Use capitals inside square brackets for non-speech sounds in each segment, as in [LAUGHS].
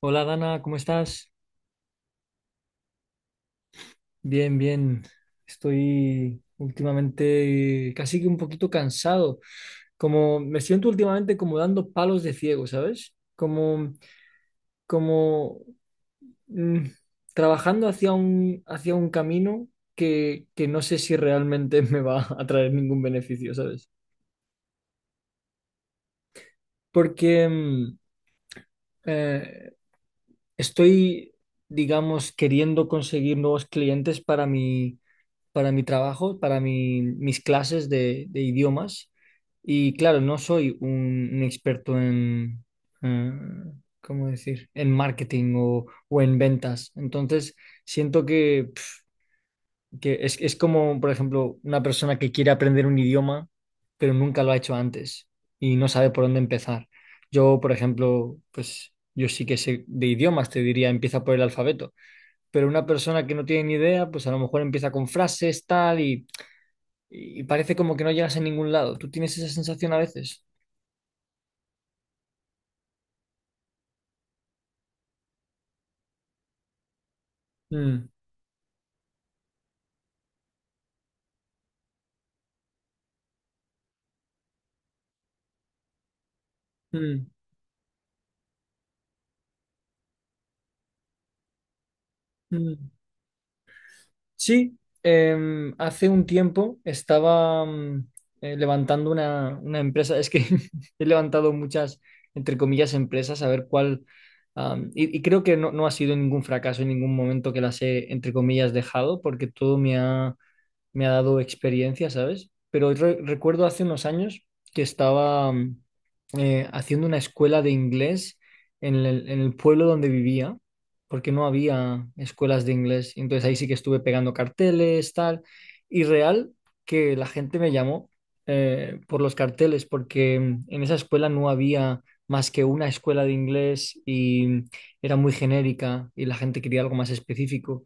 Hola Dana, ¿cómo estás? Bien, bien. Estoy últimamente casi que un poquito cansado. Como me siento últimamente como dando palos de ciego, ¿sabes? Como, como mm, trabajando hacia un camino que no sé si realmente [LAUGHS] me va a traer ningún beneficio, ¿sabes? Porque eh, estoy, digamos, queriendo conseguir nuevos clientes para mi trabajo, para mis clases de idiomas. Y claro, no soy un experto eh, ¿cómo decir?, en marketing o en ventas. Entonces, siento que es como, por ejemplo, una persona que quiere aprender un idioma, pero nunca lo ha hecho antes y no sabe por dónde empezar. Yo, por ejemplo, pues yo sí que sé de idiomas, te diría, empieza por el alfabeto, pero una persona que no tiene ni idea, pues a lo mejor empieza con frases, tal, y parece como que no llegas a ningún lado. ¿Tú tienes esa sensación a veces? Mm, mm, mm. Sí, hace un tiempo estaba levantando una empresa. Es que [LAUGHS] he levantado muchas, entre comillas, empresas, a ver cuál... Y creo que no ha sido ningún fracaso en ningún momento que las he, entre comillas, dejado, porque todo me ha dado experiencia, ¿sabes? Pero recuerdo hace unos años que estaba haciendo una escuela de inglés en el pueblo donde vivía, porque no había escuelas de inglés. Entonces ahí sí que estuve pegando carteles, tal, y real que la gente me llamó por los carteles, porque en esa escuela no había más que una escuela de inglés y era muy genérica y la gente quería algo más específico.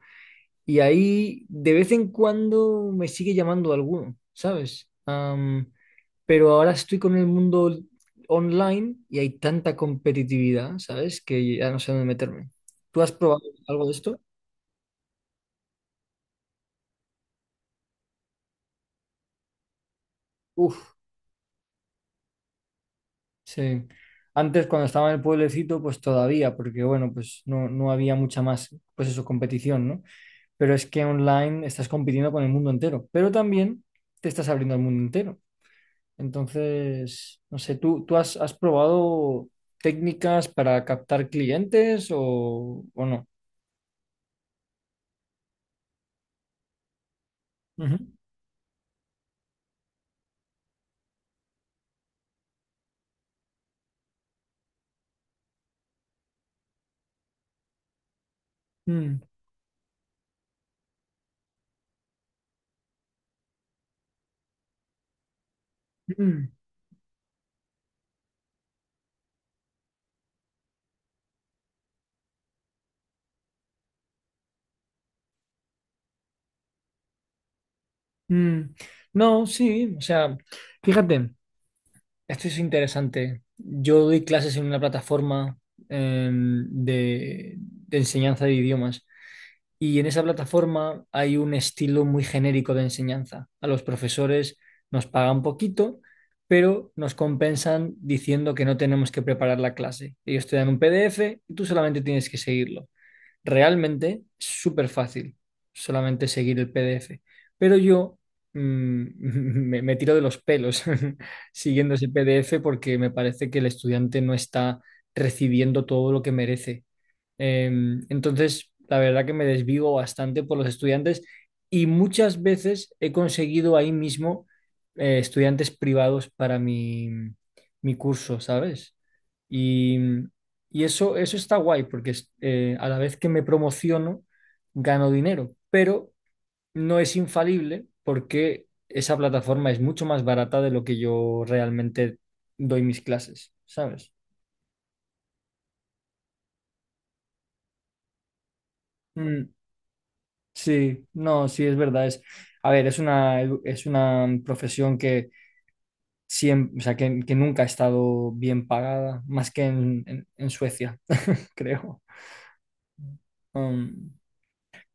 Y ahí de vez en cuando me sigue llamando alguno, ¿sabes? Pero ahora estoy con el mundo online y hay tanta competitividad, ¿sabes? Que ya no sé dónde meterme. ¿Tú has probado algo de esto? Uf, sí. Antes, cuando estaba en el pueblecito, pues todavía, porque bueno, pues no había mucha más, pues eso, competición, ¿no? Pero es que online estás compitiendo con el mundo entero, pero también te estás abriendo al mundo entero. Entonces, no sé, ¿tú has probado técnicas para captar clientes o no? Ujú. Mm, mm, mm. No, sí, o sea, fíjate, esto es interesante. Yo doy clases en una plataforma de enseñanza de idiomas. Y en esa plataforma hay un estilo muy genérico de enseñanza. A los profesores nos pagan poquito, pero nos compensan diciendo que no tenemos que preparar la clase. Ellos te dan un PDF y tú solamente tienes que seguirlo. Realmente es súper fácil solamente seguir el PDF. Pero yo mm, [LAUGHS] me tiro de los pelos [LAUGHS] siguiendo ese PDF porque me parece que el estudiante no está recibiendo todo lo que merece. Entonces, la verdad que me desvivo bastante por los estudiantes y muchas veces he conseguido ahí mismo estudiantes privados para mi curso, ¿sabes? Y, y eso está guay porque a la vez que me promociono, gano dinero, pero no es infalible porque esa plataforma es mucho más barata de lo que yo realmente doy mis clases, ¿sabes? Mm, sí, no, sí, es verdad. Es, a ver, es una profesión que siempre, o sea, que nunca ha estado bien pagada, más que en, en Suecia, [LAUGHS] creo. Um,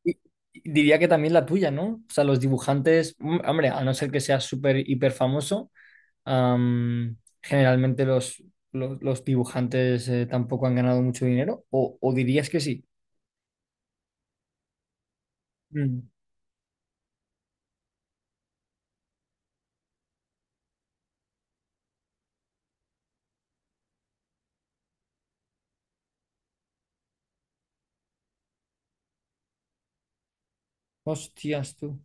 y- y diría que también la tuya, ¿no? O sea, los dibujantes, hombre, a no ser que seas súper hiper famoso, um, generalmente los dibujantes tampoco han ganado mucho dinero, o dirías que sí. Mm. Hostias, tú.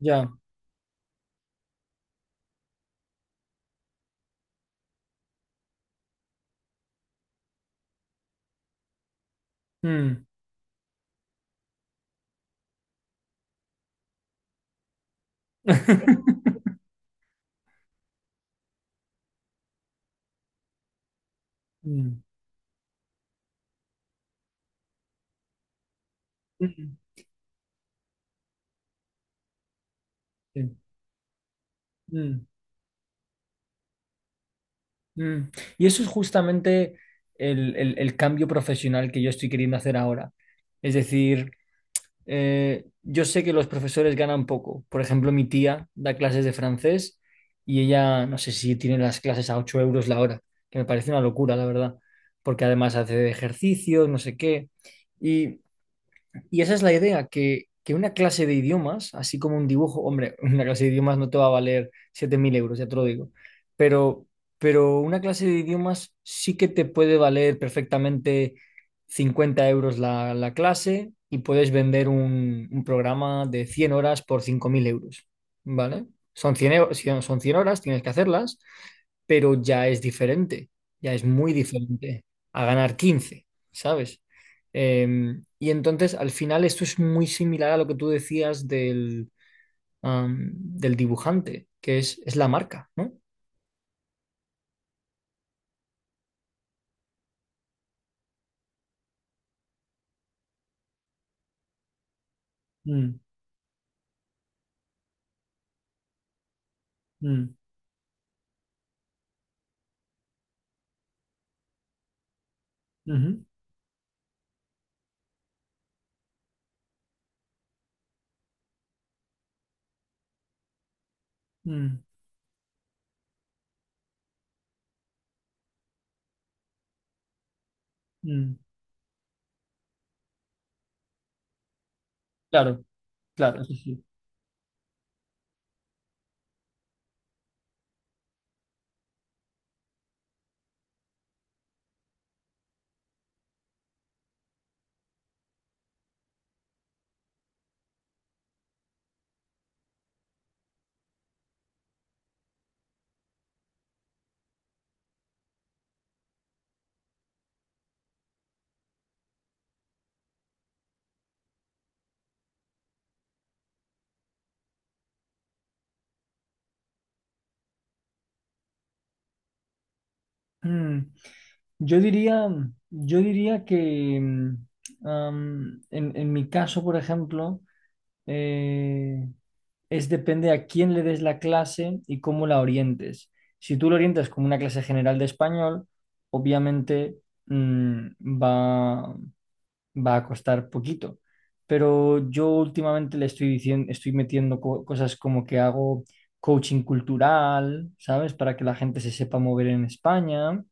Ya. Mm. [LAUGHS] Mm. Mm. Sí. Mm, mm. Y eso es justamente el cambio profesional que yo estoy queriendo hacer ahora. Es decir, yo sé que los profesores ganan poco. Por ejemplo, mi tía da clases de francés y ella, no sé si tiene las clases a 8 euros la hora, que me parece una locura, la verdad, porque además hace ejercicios, no sé qué. Y esa es la idea, que, una clase de idiomas, así como un dibujo, hombre, [LAUGHS] una clase de idiomas no te va a valer 7000 euros, ya te lo digo, pero, una clase de idiomas sí que te puede valer perfectamente 50 euros la clase y puedes vender un programa de 100 horas por 5000 euros, ¿vale? Son son 100 horas, tienes que hacerlas, pero ya es diferente, ya es muy diferente a ganar 15, ¿sabes? Y entonces, al final, esto es muy similar a lo que tú decías del dibujante, que es la marca, ¿no? Mm, mm, ujú, mm, mm. Claro, claro, eso sí. Mm. Yo diría, yo diría que en mi caso, por ejemplo, eh, es depende a quién le des la clase y cómo la orientes. Si tú lo orientas como una clase general de español, obviamente mm, va, va a costar poquito. Pero yo últimamente le estoy diciendo, estoy metiendo cosas como que hago coaching cultural, ¿sabes? Para que la gente se sepa mover en España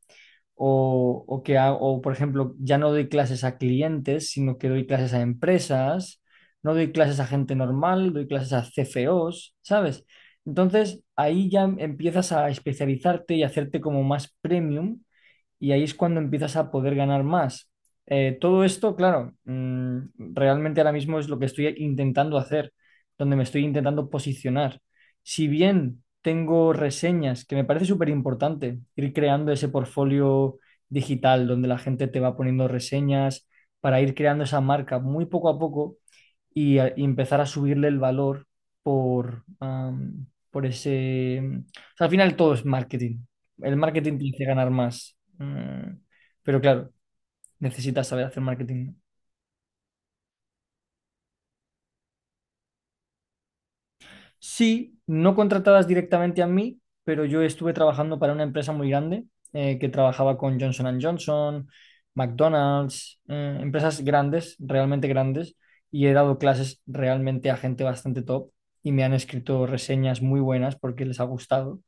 o, por ejemplo, ya no doy clases a clientes, sino que doy clases a empresas, no doy clases a gente normal, doy clases a CFOs, ¿sabes? Entonces ahí ya empiezas a especializarte y hacerte como más premium y ahí es cuando empiezas a poder ganar más. Todo esto, claro, realmente ahora mismo es lo que estoy intentando hacer, donde me estoy intentando posicionar, si bien tengo reseñas, que me parece súper importante ir creando ese portfolio digital donde la gente te va poniendo reseñas para ir creando esa marca muy poco a poco y empezar a subirle el valor por ese... O sea, al final todo es marketing. El marketing te hace ganar más. Mm. Pero claro, necesitas saber hacer marketing. Sí, no contratadas directamente a mí, pero yo estuve trabajando para una empresa muy grande que trabajaba con Johnson and Johnson, McDonald's, empresas grandes, realmente grandes, y he dado clases realmente a gente bastante top y me han escrito reseñas muy buenas porque les ha gustado.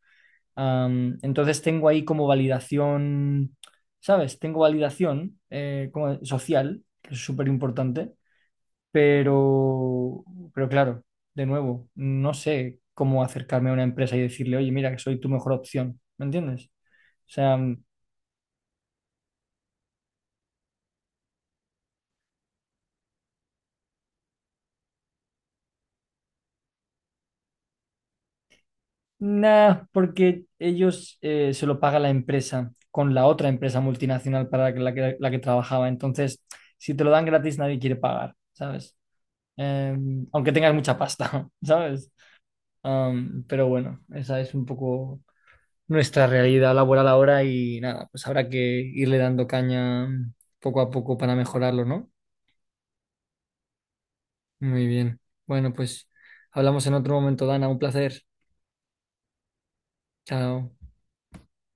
Entonces tengo ahí como validación, ¿sabes? Tengo validación como social, que es súper importante. Pero, pero claro, de nuevo, no sé cómo acercarme a una empresa y decirle, oye, mira, que soy tu mejor opción, ¿me entiendes? O sea, nada, porque ellos se lo paga la empresa con la otra empresa multinacional para la que trabajaba. Entonces, si te lo dan gratis, nadie quiere pagar, ¿sabes? Eh, aunque tengas mucha pasta, [LAUGHS] ¿sabes? Pero bueno, esa es un poco nuestra realidad laboral ahora y nada, pues habrá que irle dando caña poco a poco para mejorarlo, ¿no? Muy bien. Bueno, pues hablamos en otro momento, Dana. Un placer. Chao.